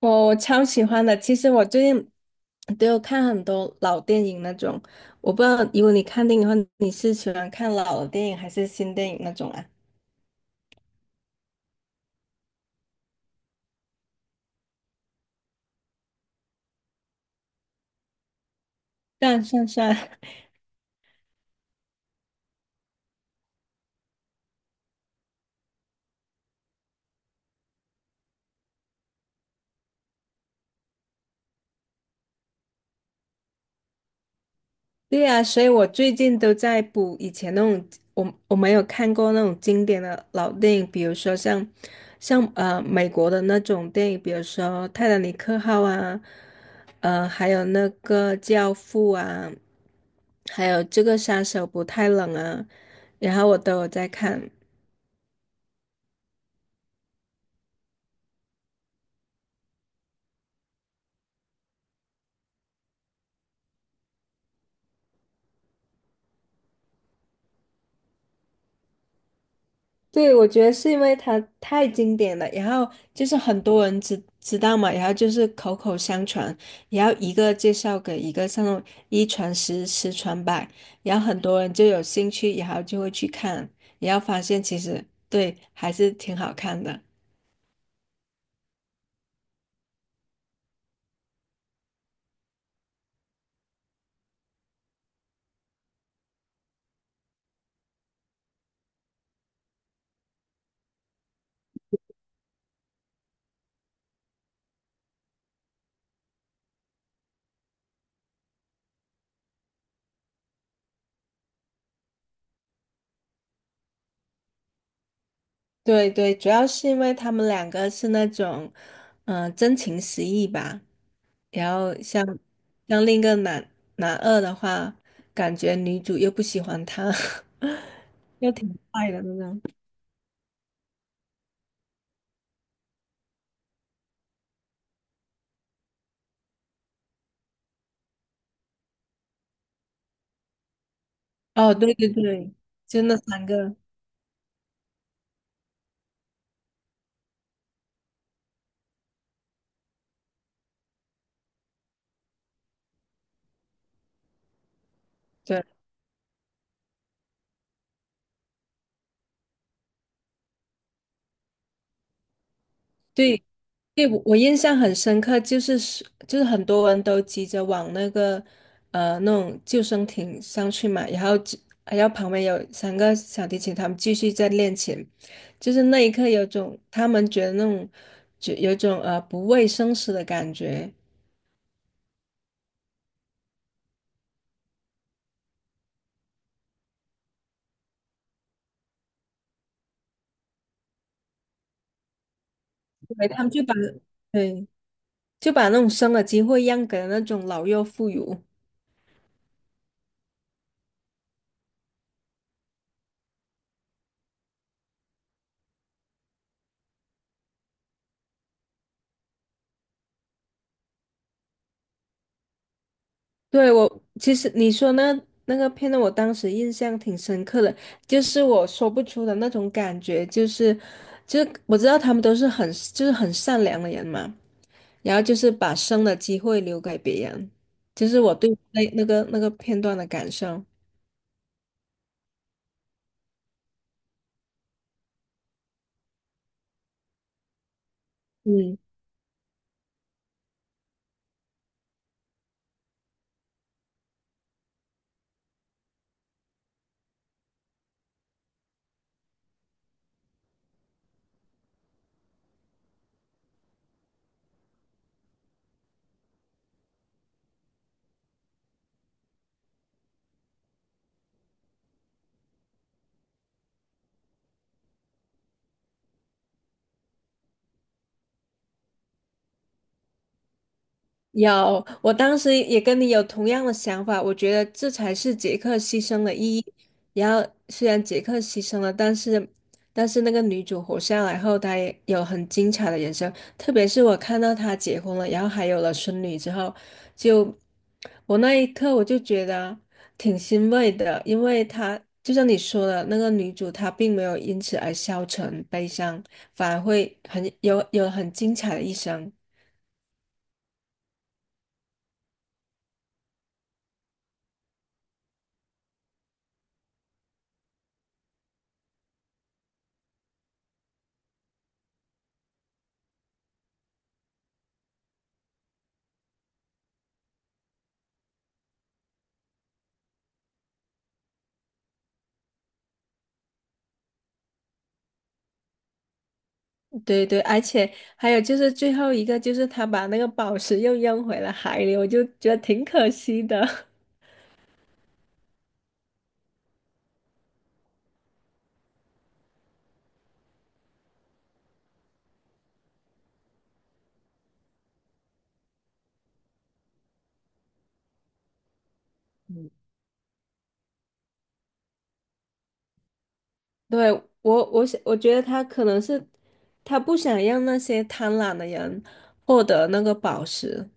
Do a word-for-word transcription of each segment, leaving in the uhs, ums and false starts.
我我超喜欢的。其实我最近都有看很多老电影那种，我不知道，如果你看电影的话，你是喜欢看老的电影还是新电影那种啊？算算算，对呀，所以我最近都在补以前那种我我没有看过那种经典的老电影，比如说像像呃美国的那种电影，比如说《泰坦尼克号》啊，呃还有那个《教父》啊，还有这个《杀手不太冷》啊，然后我都有在看。对，我觉得是因为它太经典了，然后就是很多人知知道嘛，然后就是口口相传，然后一个介绍给一个，像那种一传十，十传百，然后很多人就有兴趣，然后就会去看，然后发现其实对还是挺好看的。对对，主要是因为他们两个是那种，嗯、真情实意吧。然后像像另一个男男二的话，感觉女主又不喜欢他。又挺快的，真的。哦，对对对，就那三个，对对对，我我印象很深刻，就是是就是很多人都急着往那个呃那种救生艇上去嘛，然后只然后旁边有三个小提琴，他们继续在练琴，就是那一刻有种他们觉得那种就有种呃不畏生死的感觉，对，他们就把对就把那种生的机会让给了那种老弱妇孺。对，我其实你说那那个片段，我当时印象挺深刻的，就是我说不出的那种感觉，就是就是我知道他们都是很就是很善良的人嘛，然后就是把生的机会留给别人，就是我对那那个那个片段的感受。嗯。有，我当时也跟你有同样的想法，我觉得这才是杰克牺牲的意义。然后虽然杰克牺牲了，但是但是那个女主活下来后，她也有很精彩的人生。特别是我看到她结婚了，然后还有了孙女之后，就我那一刻我就觉得挺欣慰的，因为她就像你说的，那个女主她并没有因此而消沉悲伤，反而会很有有很精彩的一生。对对，而且还有就是最后一个，就是他把那个宝石又扔回了海里，我就觉得挺可惜的。对，我，我想，我觉得他可能是他不想让那些贪婪的人获得那个宝石。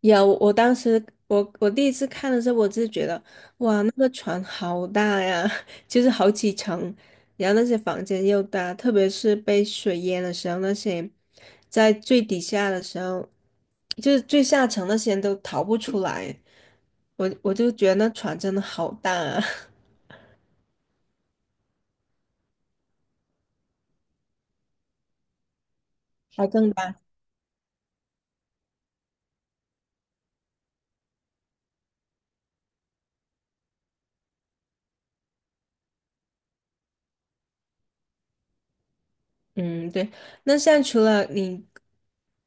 有，我当时我我第一次看的时候，我就觉得，哇，那个船好大呀，就是好几层，然后那些房间又大，特别是被水淹的时候，那些在最底下的时候，就是最下层那些人都逃不出来，我我就觉得那船真的好大啊，还更大。嗯，对。那像除了你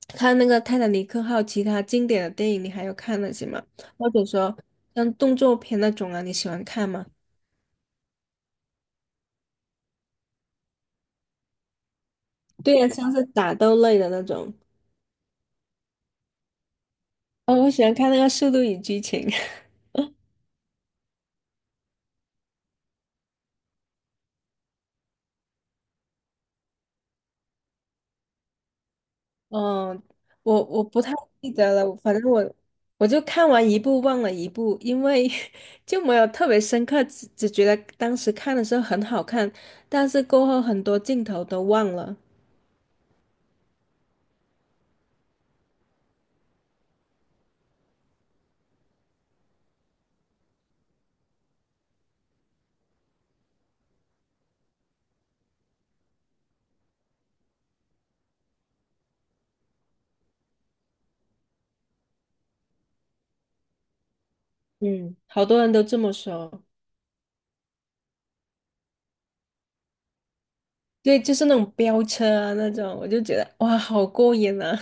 看那个《泰坦尼克号》，其他经典的电影你还有看那些吗？或者说像动作片那种啊，你喜欢看吗？对呀，像是打斗类的那种。哦，我喜欢看那个《速度与激情》。嗯，我我不太记得了，反正我我就看完一部忘了一部，因为 就没有特别深刻，只只觉得当时看的时候很好看，但是过后很多镜头都忘了。嗯，好多人都这么说。对，就是那种飙车啊那种，我就觉得哇，好过瘾啊！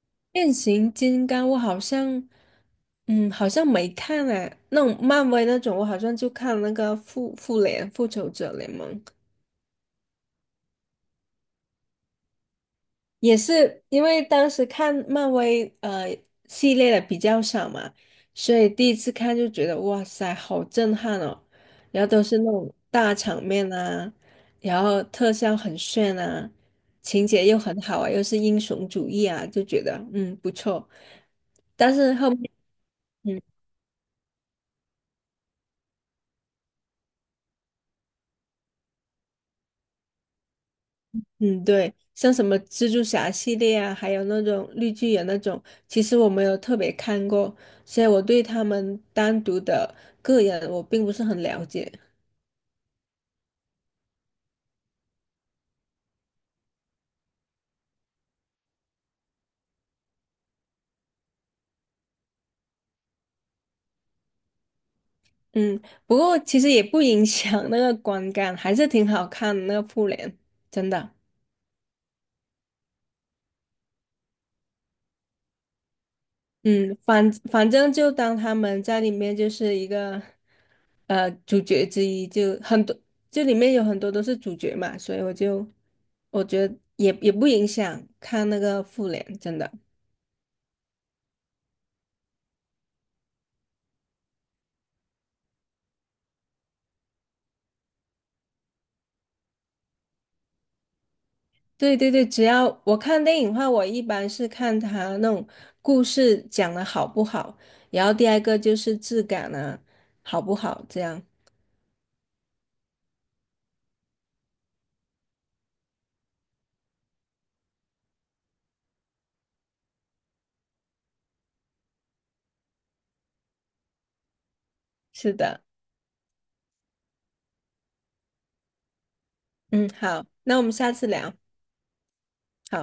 变形金刚我好像，嗯，好像没看哎、那种漫威那种，我好像就看那个复复联复仇者联盟。也是因为当时看漫威呃系列的比较少嘛，所以第一次看就觉得哇塞，好震撼哦！然后都是那种大场面啊，然后特效很炫啊，情节又很好啊，又是英雄主义啊，就觉得嗯不错。但是后面。嗯。嗯，对，像什么蜘蛛侠系列啊，还有那种绿巨人那种，其实我没有特别看过，所以我对他们单独的个人我并不是很了解。嗯，不过其实也不影响那个观感，还是挺好看的那个复联，真的。嗯，反反正就当他们在里面就是一个呃主角之一，就很多，就里面有很多都是主角嘛，所以我就我觉得也也不影响看那个复联，真的。对对对，只要我看电影的话，我一般是看它那种故事讲的好不好，然后第二个就是质感啊，好不好？这样，是的，嗯，好，那我们下次聊。好。